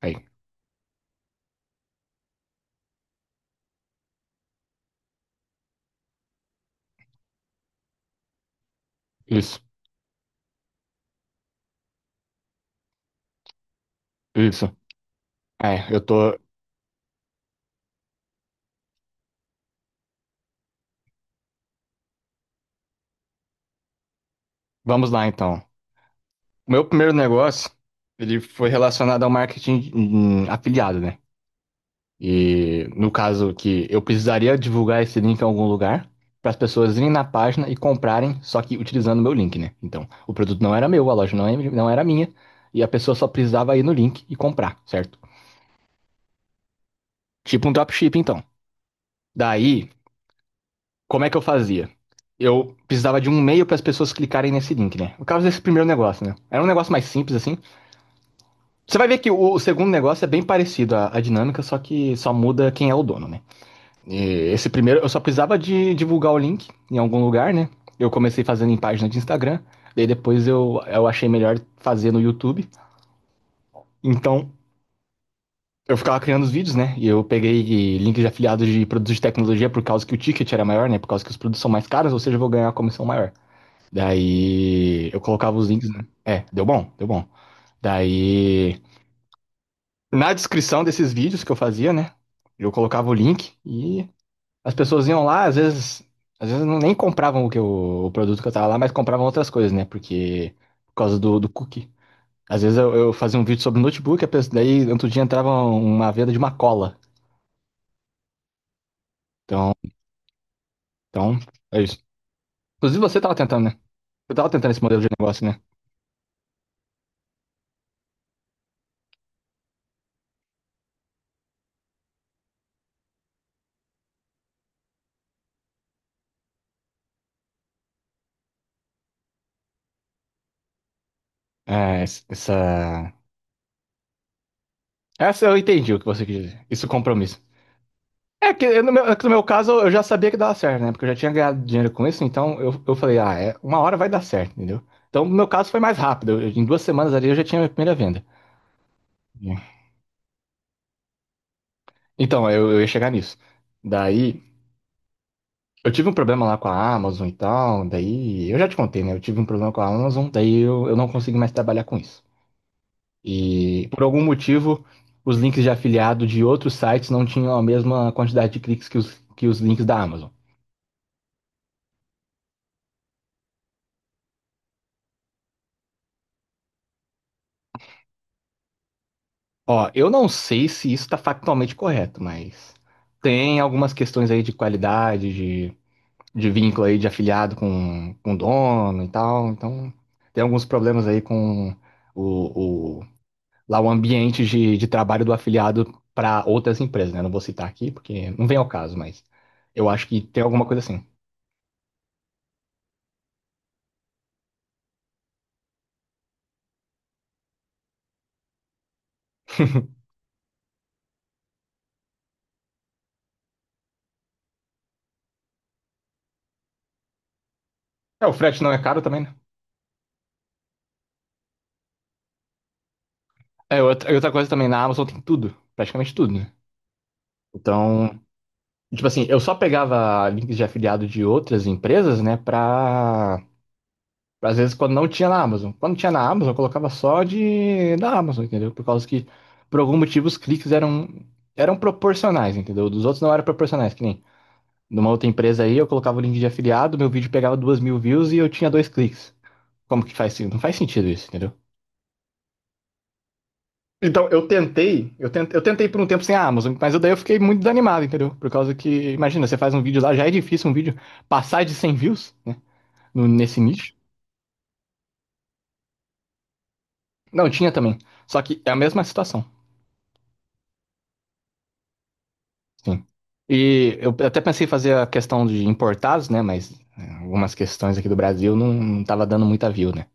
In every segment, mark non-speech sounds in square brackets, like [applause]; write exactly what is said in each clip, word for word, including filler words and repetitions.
Aí, isso, isso. É, eu tô. Vamos lá então. O meu primeiro negócio, ele foi relacionado ao marketing hum, afiliado, né? E no caso que eu precisaria divulgar esse link em algum lugar para as pessoas irem na página e comprarem, só que utilizando o meu link, né? Então, o produto não era meu, a loja não é- não era minha, e a pessoa só precisava ir no link e comprar, certo? Tipo um dropshipping, então. Daí. Como é que eu fazia? Eu precisava de um e-mail para as pessoas clicarem nesse link, né? No caso desse primeiro negócio, né? Era um negócio mais simples, assim. Você vai ver que o, o segundo negócio é bem parecido à, à dinâmica, só que só muda quem é o dono, né? E esse primeiro, eu só precisava de divulgar o link em algum lugar, né? Eu comecei fazendo em página de Instagram, daí depois eu, eu achei melhor fazer no YouTube. Então, eu ficava criando os vídeos, né? E eu peguei links de afiliados de produtos de tecnologia por causa que o ticket era maior, né? Por causa que os produtos são mais caros, ou seja, eu vou ganhar uma comissão maior. Daí eu colocava os links, né? É, deu bom, deu bom. Daí na descrição desses vídeos que eu fazia, né? Eu colocava o link e as pessoas iam lá, às vezes, às vezes não nem compravam o que eu- o produto que eu tava lá, mas compravam outras coisas, né? Porque por causa do, do cookie. Às vezes eu, eu fazia um vídeo sobre notebook, a pessoa, daí no outro dia entrava uma venda de uma cola. Então, então, é isso. Inclusive você tava tentando, né? Você tava tentando esse modelo de negócio, né? É, essa. Essa eu entendi o que você quis dizer. Isso compromisso. É que no meu, é que no meu caso eu já sabia que dava certo, né? Porque eu já tinha ganhado dinheiro com isso, então eu, eu falei, ah, é, uma hora vai dar certo, entendeu? Então, no meu caso foi mais rápido. Eu- em duas semanas ali eu já tinha a minha primeira venda. Então, eu, eu ia chegar nisso. Daí, eu tive um problema lá com a Amazon e tal. Daí, eu já te contei, né? Eu tive um problema com a Amazon, daí eu, eu não consegui mais trabalhar com isso. E, por algum motivo, os links de afiliado de outros sites não tinham a mesma quantidade de cliques que os, que os links da Amazon. Ó, eu não sei se isso está factualmente correto, mas tem algumas questões aí de qualidade, de, de vínculo aí de afiliado com, com o dono e tal. Então, tem alguns problemas aí com o, o- lá o ambiente de, de trabalho do afiliado para outras empresas, né? Não vou citar aqui porque não vem ao caso, mas eu acho que tem alguma coisa assim. É, o frete não é caro também, né? É, outra, e outra coisa também, na Amazon tem tudo, praticamente tudo, né? Então, Tipo assim, eu só pegava links de afiliado de outras empresas, né? Pra. Às vezes, quando não tinha na Amazon. Quando tinha na Amazon, eu colocava só de da Amazon, entendeu? Por causa que, por algum motivo, os cliques eram, eram proporcionais, entendeu? Dos outros não eram proporcionais, que nem numa outra empresa aí, eu colocava o link de afiliado, meu vídeo pegava duas mil views e eu tinha dois cliques. Como que faz sentido? Não faz sentido isso, entendeu? Então, eu tentei, eu tentei, eu tentei por um tempo sem a Amazon, mas eu- daí eu fiquei muito desanimado, entendeu? Por causa que, imagina, você faz um vídeo lá, já é difícil um vídeo passar de cem views, né? No- nesse nicho. Não, tinha também. Só que é a mesma situação, sim. E eu até pensei em fazer a questão de importados, né? Mas é, algumas questões aqui do Brasil não, não tava dando muita view, né?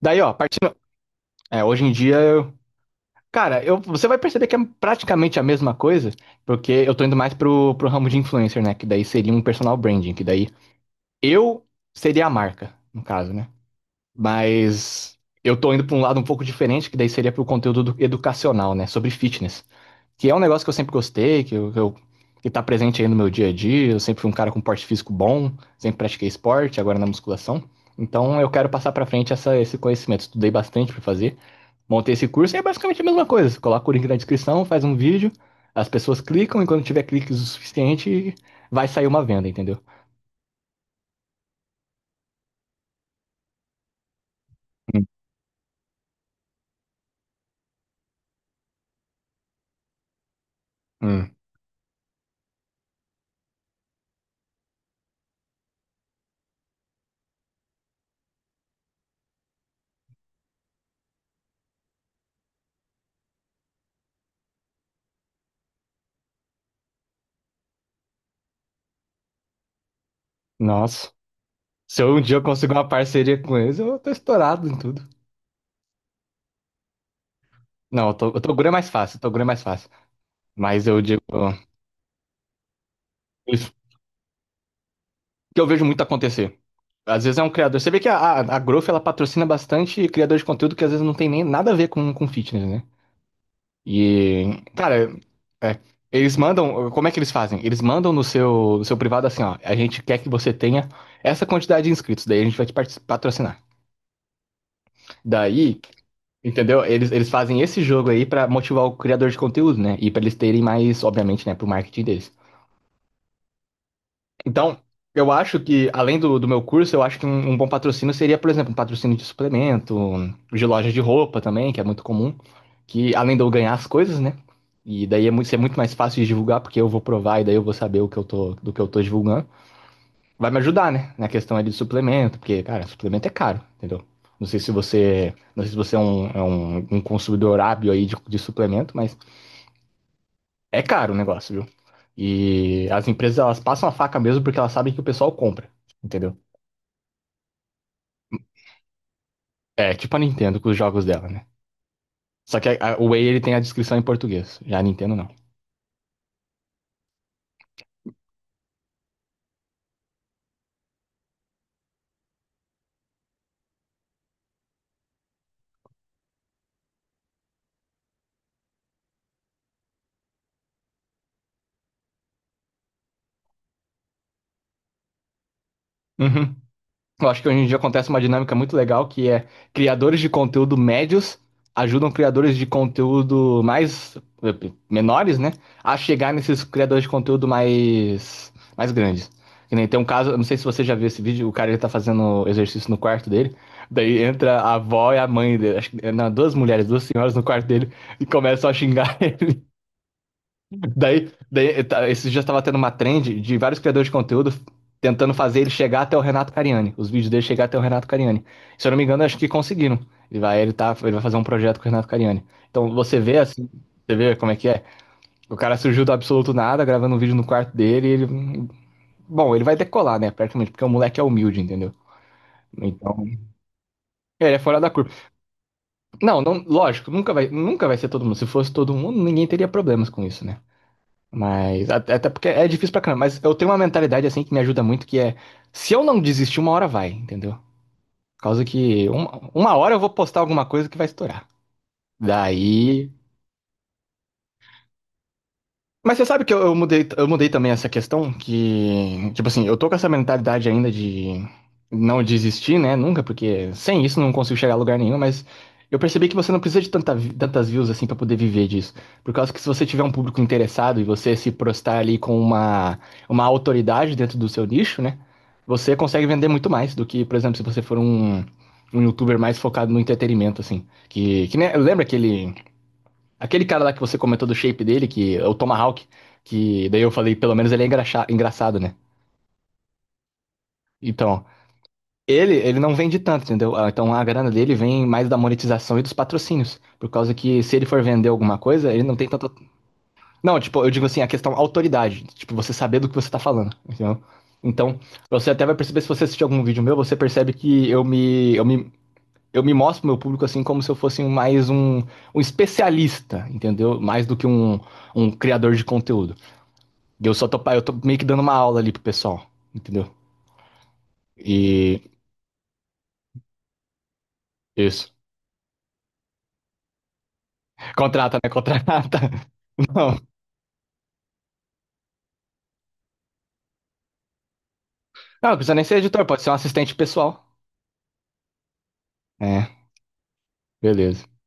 Daí, ó, partindo. É, hoje em dia, eu, cara, eu, você vai perceber que é praticamente a mesma coisa, porque eu tô indo mais pro, pro ramo de influencer, né? Que daí seria um personal branding, que daí. Eu seria a marca, no caso, né? Mas eu tô indo pra um lado um pouco diferente, que daí seria pro conteúdo do- educacional, né? Sobre fitness. Que é um negócio que eu sempre gostei, que, eu, que, eu- que tá presente aí no meu dia a dia. Eu sempre fui um cara com porte físico bom, sempre pratiquei esporte, agora na musculação. Então eu quero passar pra frente essa- esse conhecimento. Estudei bastante pra fazer. Montei esse curso e é basicamente a mesma coisa. Você coloca o link na descrição, faz um vídeo, as pessoas clicam e quando tiver cliques o suficiente, vai sair uma venda, entendeu? Hum. Nossa. Se eu um dia eu consigo uma parceria com eles, eu tô estourado em tudo. Não, o To- o Toguro é mais fácil, o Toguro é mais fácil. Mas eu digo, isso que eu vejo muito acontecer. Às vezes é um criador. Você vê que a, a, a Growth, ela patrocina bastante criador de conteúdo que às vezes não tem nem nada a ver com, com fitness, né? E, cara, é, eles mandam. Como é que eles fazem? Eles mandam no seu, no seu privado assim, ó. A gente quer que você tenha essa quantidade de inscritos, daí a gente vai te pat- patrocinar. Daí, entendeu? Eles, eles fazem esse jogo aí pra motivar o criador de conteúdo, né? E pra eles terem mais, obviamente, né, pro marketing deles. Então, eu acho que, além do, do meu curso, eu acho que um, um bom patrocínio seria, por exemplo, um patrocínio de suplemento, de loja de roupa também, que é muito comum, que além de eu ganhar as coisas, né? E daí é muito, isso é muito mais fácil de divulgar, porque eu vou provar e daí eu vou saber o que eu tô, do que eu tô divulgando vai me ajudar, né? Na questão ali de suplemento, porque, cara, suplemento é caro, entendeu? Não sei se você, não sei se você é um, é um, um consumidor hábil aí de, de suplemento, mas é caro o negócio, viu? E as empresas, elas passam a faca mesmo porque elas sabem que o pessoal compra, entendeu? É, tipo a Nintendo com os jogos dela, né? Só que a- a- o Whey, ele tem a descrição em português, já a Nintendo não. Uhum. Eu acho que hoje em dia acontece uma dinâmica muito legal que é criadores de conteúdo médios ajudam criadores de conteúdo mais eh, menores, né, a chegar nesses criadores de conteúdo mais mais grandes. Que nem tem um caso, eu não sei se você já viu esse vídeo, o cara ele tá fazendo exercício no quarto dele, daí entra a avó e a mãe dele, acho que, eh, não, duas mulheres, duas senhoras no quarto dele e começam a xingar [laughs] Daí, daí tá, esses dias estava tendo uma trend de vários criadores de conteúdo tentando fazer ele chegar até o Renato Cariani, os vídeos dele chegar até o Renato Cariani. Se eu não me engano, acho que conseguiram. Ele vai, ele tá, ele vai fazer um projeto com o Renato Cariani. Então você vê assim, você vê como é que é. O cara surgiu do absoluto nada, gravando um vídeo no quarto dele, e ele, bom, ele vai decolar, né, praticamente, porque o moleque é humilde, entendeu? Então, é, ele é fora da curva. Não, não, lógico, nunca vai, nunca vai ser todo mundo. Se fosse todo mundo, ninguém teria problemas com isso, né? Mas, até até porque é difícil pra caramba, mas eu tenho uma mentalidade assim que me ajuda muito, que é, se eu não desistir, uma hora vai, entendeu? Por causa que uma, uma hora eu vou postar alguma coisa que vai estourar. Daí, mas você sabe que eu, eu mudei, eu mudei também essa questão que, tipo assim, eu tô com essa mentalidade ainda de não desistir, né? Nunca, porque sem isso não consigo chegar a lugar nenhum, mas eu percebi que você não precisa de tanta, vi- tantas views assim pra poder viver disso. Por causa que se você tiver um público interessado e você se prostar ali com uma, uma autoridade dentro do seu nicho, né? Você consegue vender muito mais do que, por exemplo, se você for um, um youtuber mais focado no entretenimento, assim. Que, que nem- lembra aquele. Aquele cara lá que você comentou do shape dele, que é o Tomahawk, que daí eu falei, pelo menos ele é engraxa- engraçado, né? Então, ele, ele não vende tanto, entendeu? Ah, Então a grana dele vem mais da monetização e dos patrocínios. Por causa que se ele for vender alguma coisa, ele não tem tanta. Não, tipo, eu digo assim, a questão autoridade. Tipo, você saber do que você tá falando, entendeu? Então, você até vai perceber, se você assistir algum vídeo meu, você percebe que eu me, eu me, eu me mostro pro meu público assim como se eu fosse um, mais um, um especialista, entendeu? Mais do que um, um criador de conteúdo. E eu só tô, eu tô meio que dando uma aula ali pro pessoal, entendeu? E isso. Contrata, né? Contrata. [laughs] Não. Não, não precisa nem ser editor, pode ser um assistente pessoal. É, beleza.